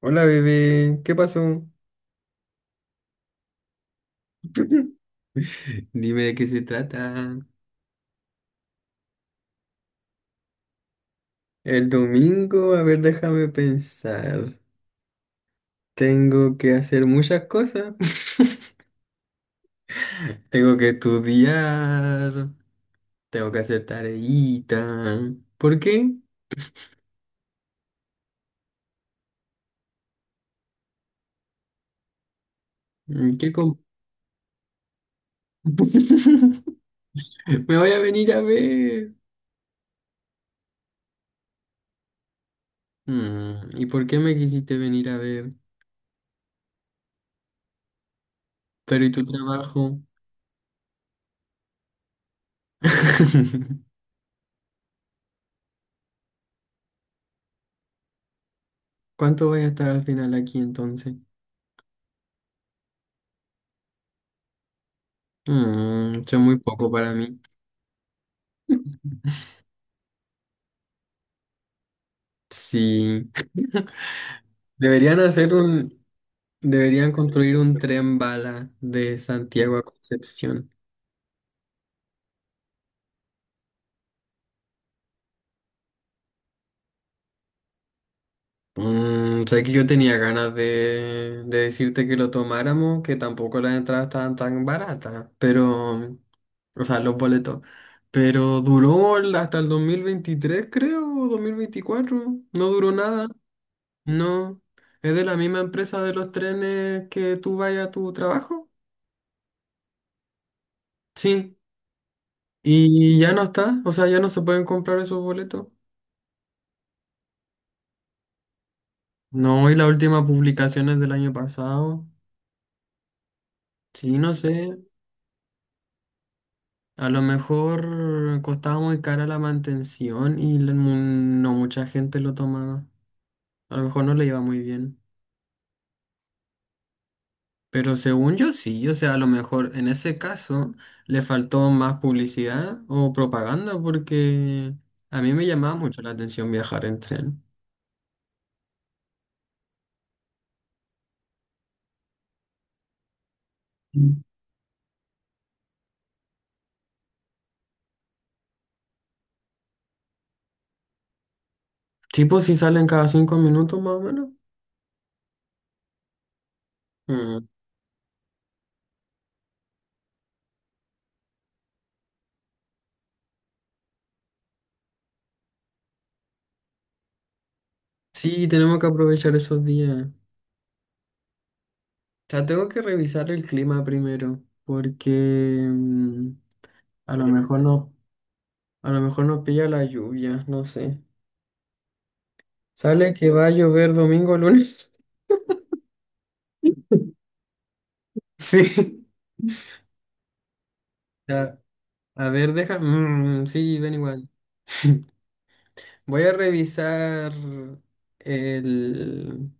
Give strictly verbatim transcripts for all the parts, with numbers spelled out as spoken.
Hola bebé, ¿qué pasó? Dime de qué se trata. El domingo, a ver, déjame pensar. Tengo que hacer muchas cosas. Tengo que estudiar. Tengo que hacer tareita. ¿Por qué? Mm, ¿Qué com- Me voy a venir a ver. Mm, ¿Y por qué me quisiste venir a ver? Pero ¿y tu trabajo? ¿Cuánto voy a estar al final aquí entonces? Mm, son muy poco para mí. Sí. Deberían hacer un, Deberían construir un tren bala de Santiago a Concepción. Mm, sé que yo tenía ganas de, de decirte que lo tomáramos, que tampoco las entradas estaban tan baratas, pero, o sea, los boletos. Pero duró el- hasta el dos mil veintitrés, creo, o dos mil veinticuatro. No duró nada. No. ¿Es de la misma empresa de los trenes que tú vayas a tu trabajo? Sí. Y ya no está, o sea, ya no se pueden comprar esos boletos. No, y la última publicación es del año pasado. Sí, no sé, a lo mejor costaba muy cara la mantención y la- mu- no mucha gente lo tomaba. A lo mejor no le iba muy bien. Pero según yo sí, o sea, a lo mejor en ese caso le faltó más publicidad o propaganda porque a mí me llamaba mucho la atención viajar en tren. Mm. Sí, pues si salen cada cinco minutos más o menos. Sí, tenemos que aprovechar esos días. O sea, tengo que revisar el clima primero, porque mm, a lo mejor no, a lo mejor no pilla la lluvia, no sé. Sale que va a llover domingo, lunes. Sí. Ya, a ver, deja. Mm, sí, ven igual. Voy a revisar el,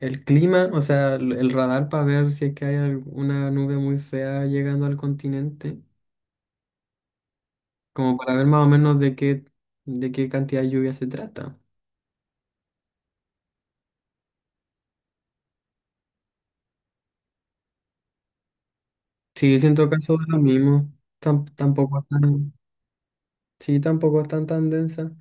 el clima, o sea, el, el radar para ver si es que hay alguna nube muy fea llegando al continente, como para ver más o menos de qué, de qué cantidad de lluvia se trata. Sí, siento en todo es lo mismo. Tam- tampoco es tan, sí, tampoco es tan tan densa.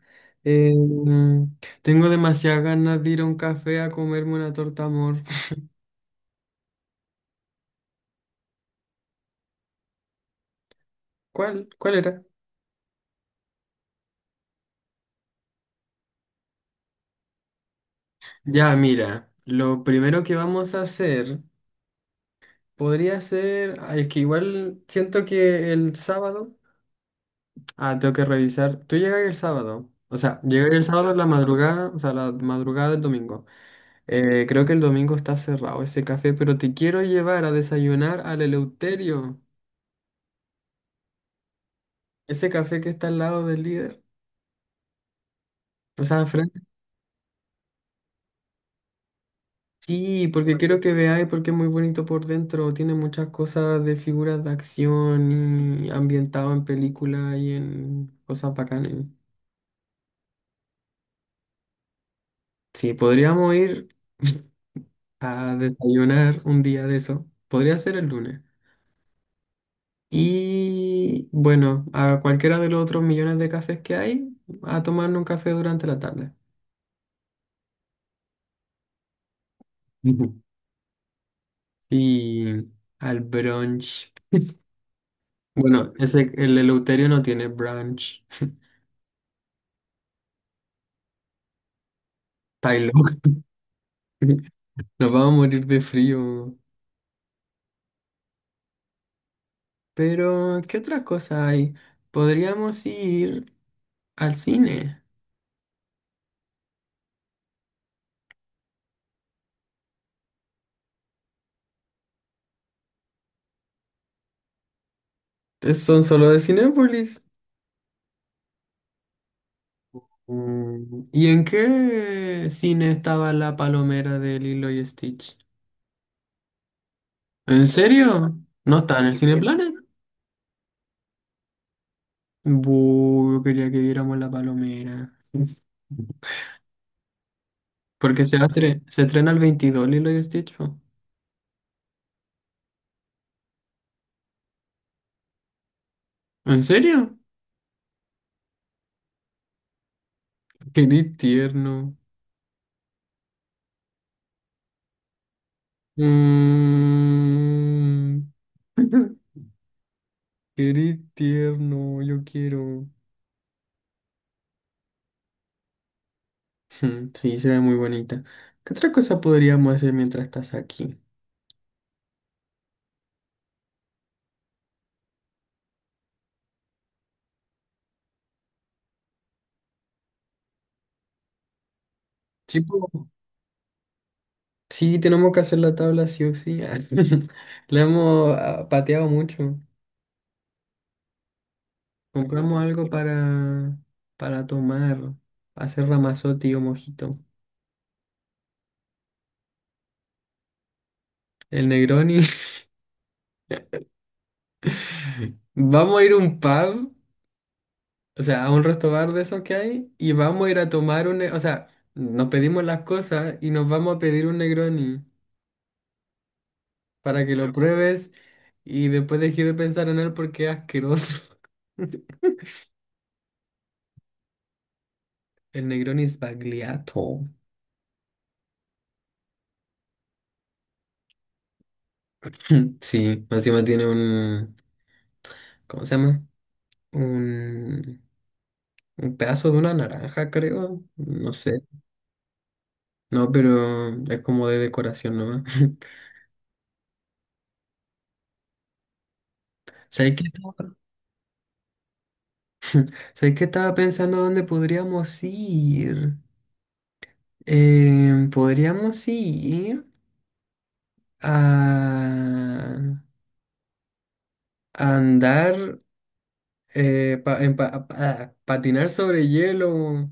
Eh, mm, Tengo demasiadas ganas de ir a un café a comerme una torta amor. ¿Cuál? ¿Cuál era? Ya, mira, lo primero que vamos a hacer podría ser, ah, es que igual siento que el sábado, ah, tengo que revisar. Tú llegas el sábado, o sea, llegas el sábado en la madrugada, o sea, la madrugada del domingo. Eh, creo que el domingo está cerrado ese café, pero te quiero llevar a desayunar al Eleuterio, ese café que está al lado del líder. O sea, frente. Sí, porque quiero que veáis porque es muy bonito por dentro, tiene muchas cosas de figuras de acción y ambientado en películas y en cosas bacanas. Sí, podríamos ir a desayunar un día de eso. Podría ser el lunes. Y bueno, a cualquiera de los otros millones de cafés que hay, a tomarnos un café durante la tarde. Ujú. Y al brunch. Bueno, ese, el Eleuterio no tiene brunch. Pailo. Nos vamos a morir de frío. Pero, ¿qué otra cosa hay? Podríamos ir al cine. Es- Son solo de Cinépolis. Mm, ¿Y en qué cine estaba la palomera de Lilo y Stitch? ¿En serio? ¿No está en el Sí. Cineplanet? Buh, yo quería que viéramos la palomera. Porque se, atre se estrena el veintidós Lilo y Stitch. Po. ¿En serio? Qué ni tierno. Mm. Qué ni tierno, yo quiero. Hmm, sí, se ve muy bonita. ¿Qué otra cosa podríamos hacer mientras estás aquí? Sí, po, sí, tenemos que hacer la tabla sí o sí. Ah, la hemos ah, pateado mucho. Compramos algo para, para tomar, para hacer ramazote o mojito. El Negroni. Vamos a ir a un pub, o sea, a un resto bar de esos que hay, y vamos a ir a tomar un... ne- O sea, nos pedimos las cosas y nos vamos a pedir un Negroni para que lo pruebes y después dejes de pensar en él porque es asqueroso. El Negroni es bagliato. Sí, encima tiene un... ¿Cómo se llama? Un, un pedazo de una naranja, creo. No sé. No, pero es como de decoración nomás. ¿Sabes qué? Sé que estaba pensando dónde podríamos ir. Eh, podríamos ir a, a andar, eh, pa- en pa- pa- patinar sobre hielo.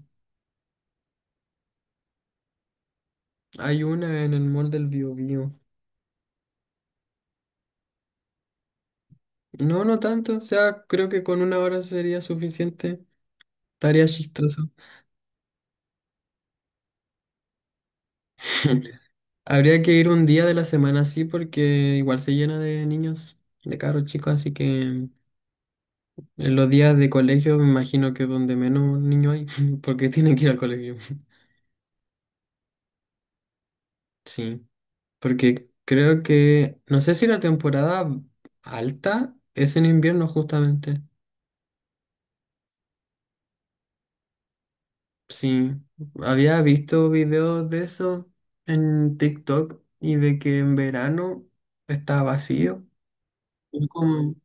Hay una en el mall del Biobío. No, no tanto. O sea, creo que con una hora sería suficiente. Estaría chistoso. Habría que ir un día de la semana así porque igual se llena de niños, de carros chicos, así que... En los días de colegio me imagino que es donde menos niños hay, porque tienen que ir al colegio. Sí, porque creo que, no sé si la temporada alta es en invierno justamente. Sí, había visto videos de eso en TikTok y de que en verano está vacío. Es como-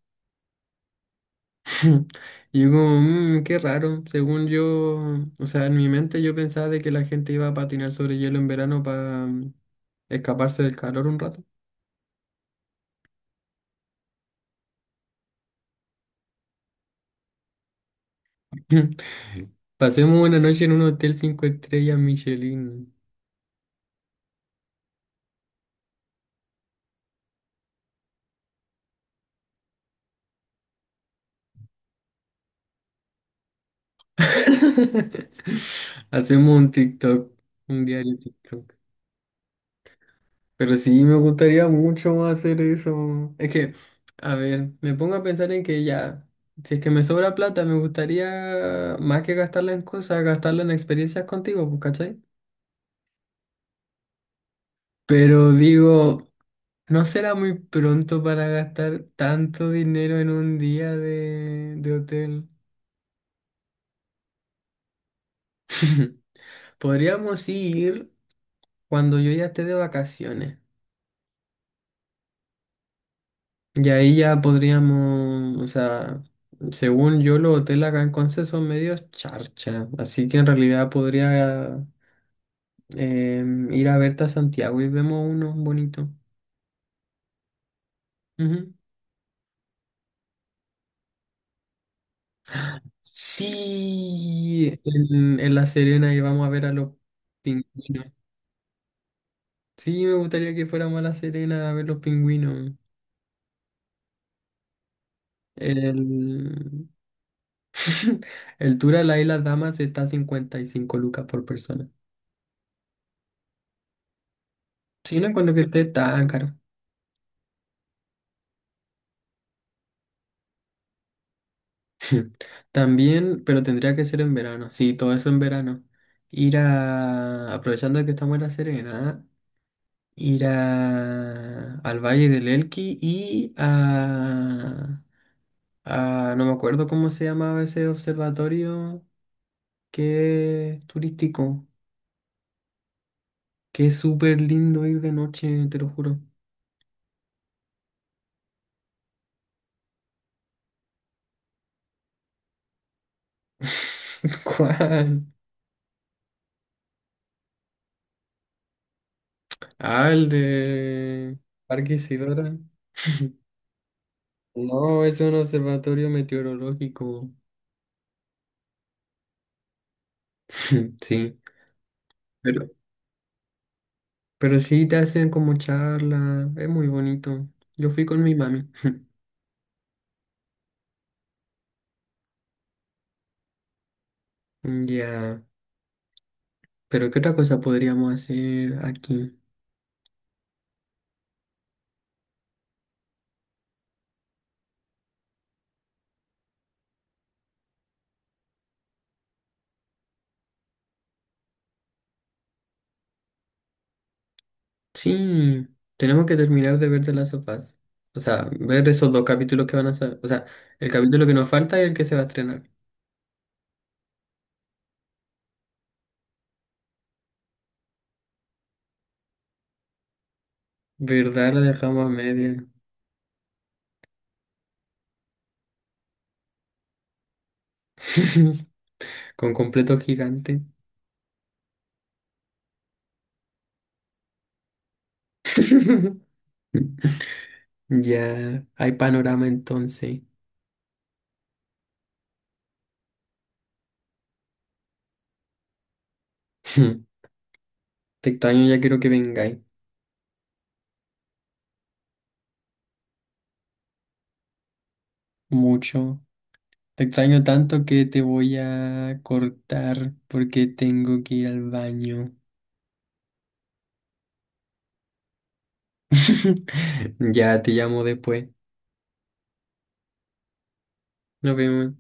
Y yo como, "Mm, qué raro. Según yo, o sea, en mi mente yo pensaba de que la gente iba a patinar sobre hielo en verano para escaparse del calor un rato. Pasemos una noche en un hotel cinco estrellas Michelin. Hacemos un TikTok, un diario. Pero sí, me gustaría mucho más hacer eso. Es que, a ver, me pongo a pensar en que ya, si es que me sobra plata, me gustaría más que gastarla en cosas, gastarla en experiencias contigo, pues, ¿cachai? Pero digo, ¿no será muy pronto para gastar tanto dinero en un día de, de hotel? Podríamos ir cuando yo ya esté de vacaciones. Y ahí ya podríamos, o sea, según yo, los hoteles acá en Conce son medios charcha, así que en realidad podría em, ir a verte a Santiago y vemos uno bonito. Ujú. Sí, en, en La Serena y vamos a ver a los pingüinos. Sí, me gustaría que fuéramos a La Serena a ver los pingüinos. El, el tour a la Isla Damas está a cincuenta y cinco lucas por persona. Sí, no cuando que esté tan caro. También, pero tendría que ser en verano. Sí, todo eso en verano. Ir a, aprovechando que estamos en La Serena, ir a, al Valle del Elqui y a, a, no me acuerdo cómo se llamaba ese observatorio que es turístico, que es súper lindo ir de noche, te lo juro. ¿Cuál? Ah, el de Parque Isidora. No, es un observatorio meteorológico. Sí. Pero, pero sí te hacen como charla, es muy bonito. Yo fui con mi mami. Ya, pero ¿qué otra cosa podríamos hacer aquí? Sí, tenemos que terminar de ver The Last of Us. O sea, ver esos dos capítulos que van a salir. O sea, el capítulo que nos falta y el que se va a estrenar. ¿Verdad? La dejamos a media. Con completo gigante. Ya, hay panorama entonces. Te extraño, ya quiero que vengáis. Mucho. Te extraño tanto que te voy a cortar porque tengo que ir al baño. Ya te llamo después. Nos vemos.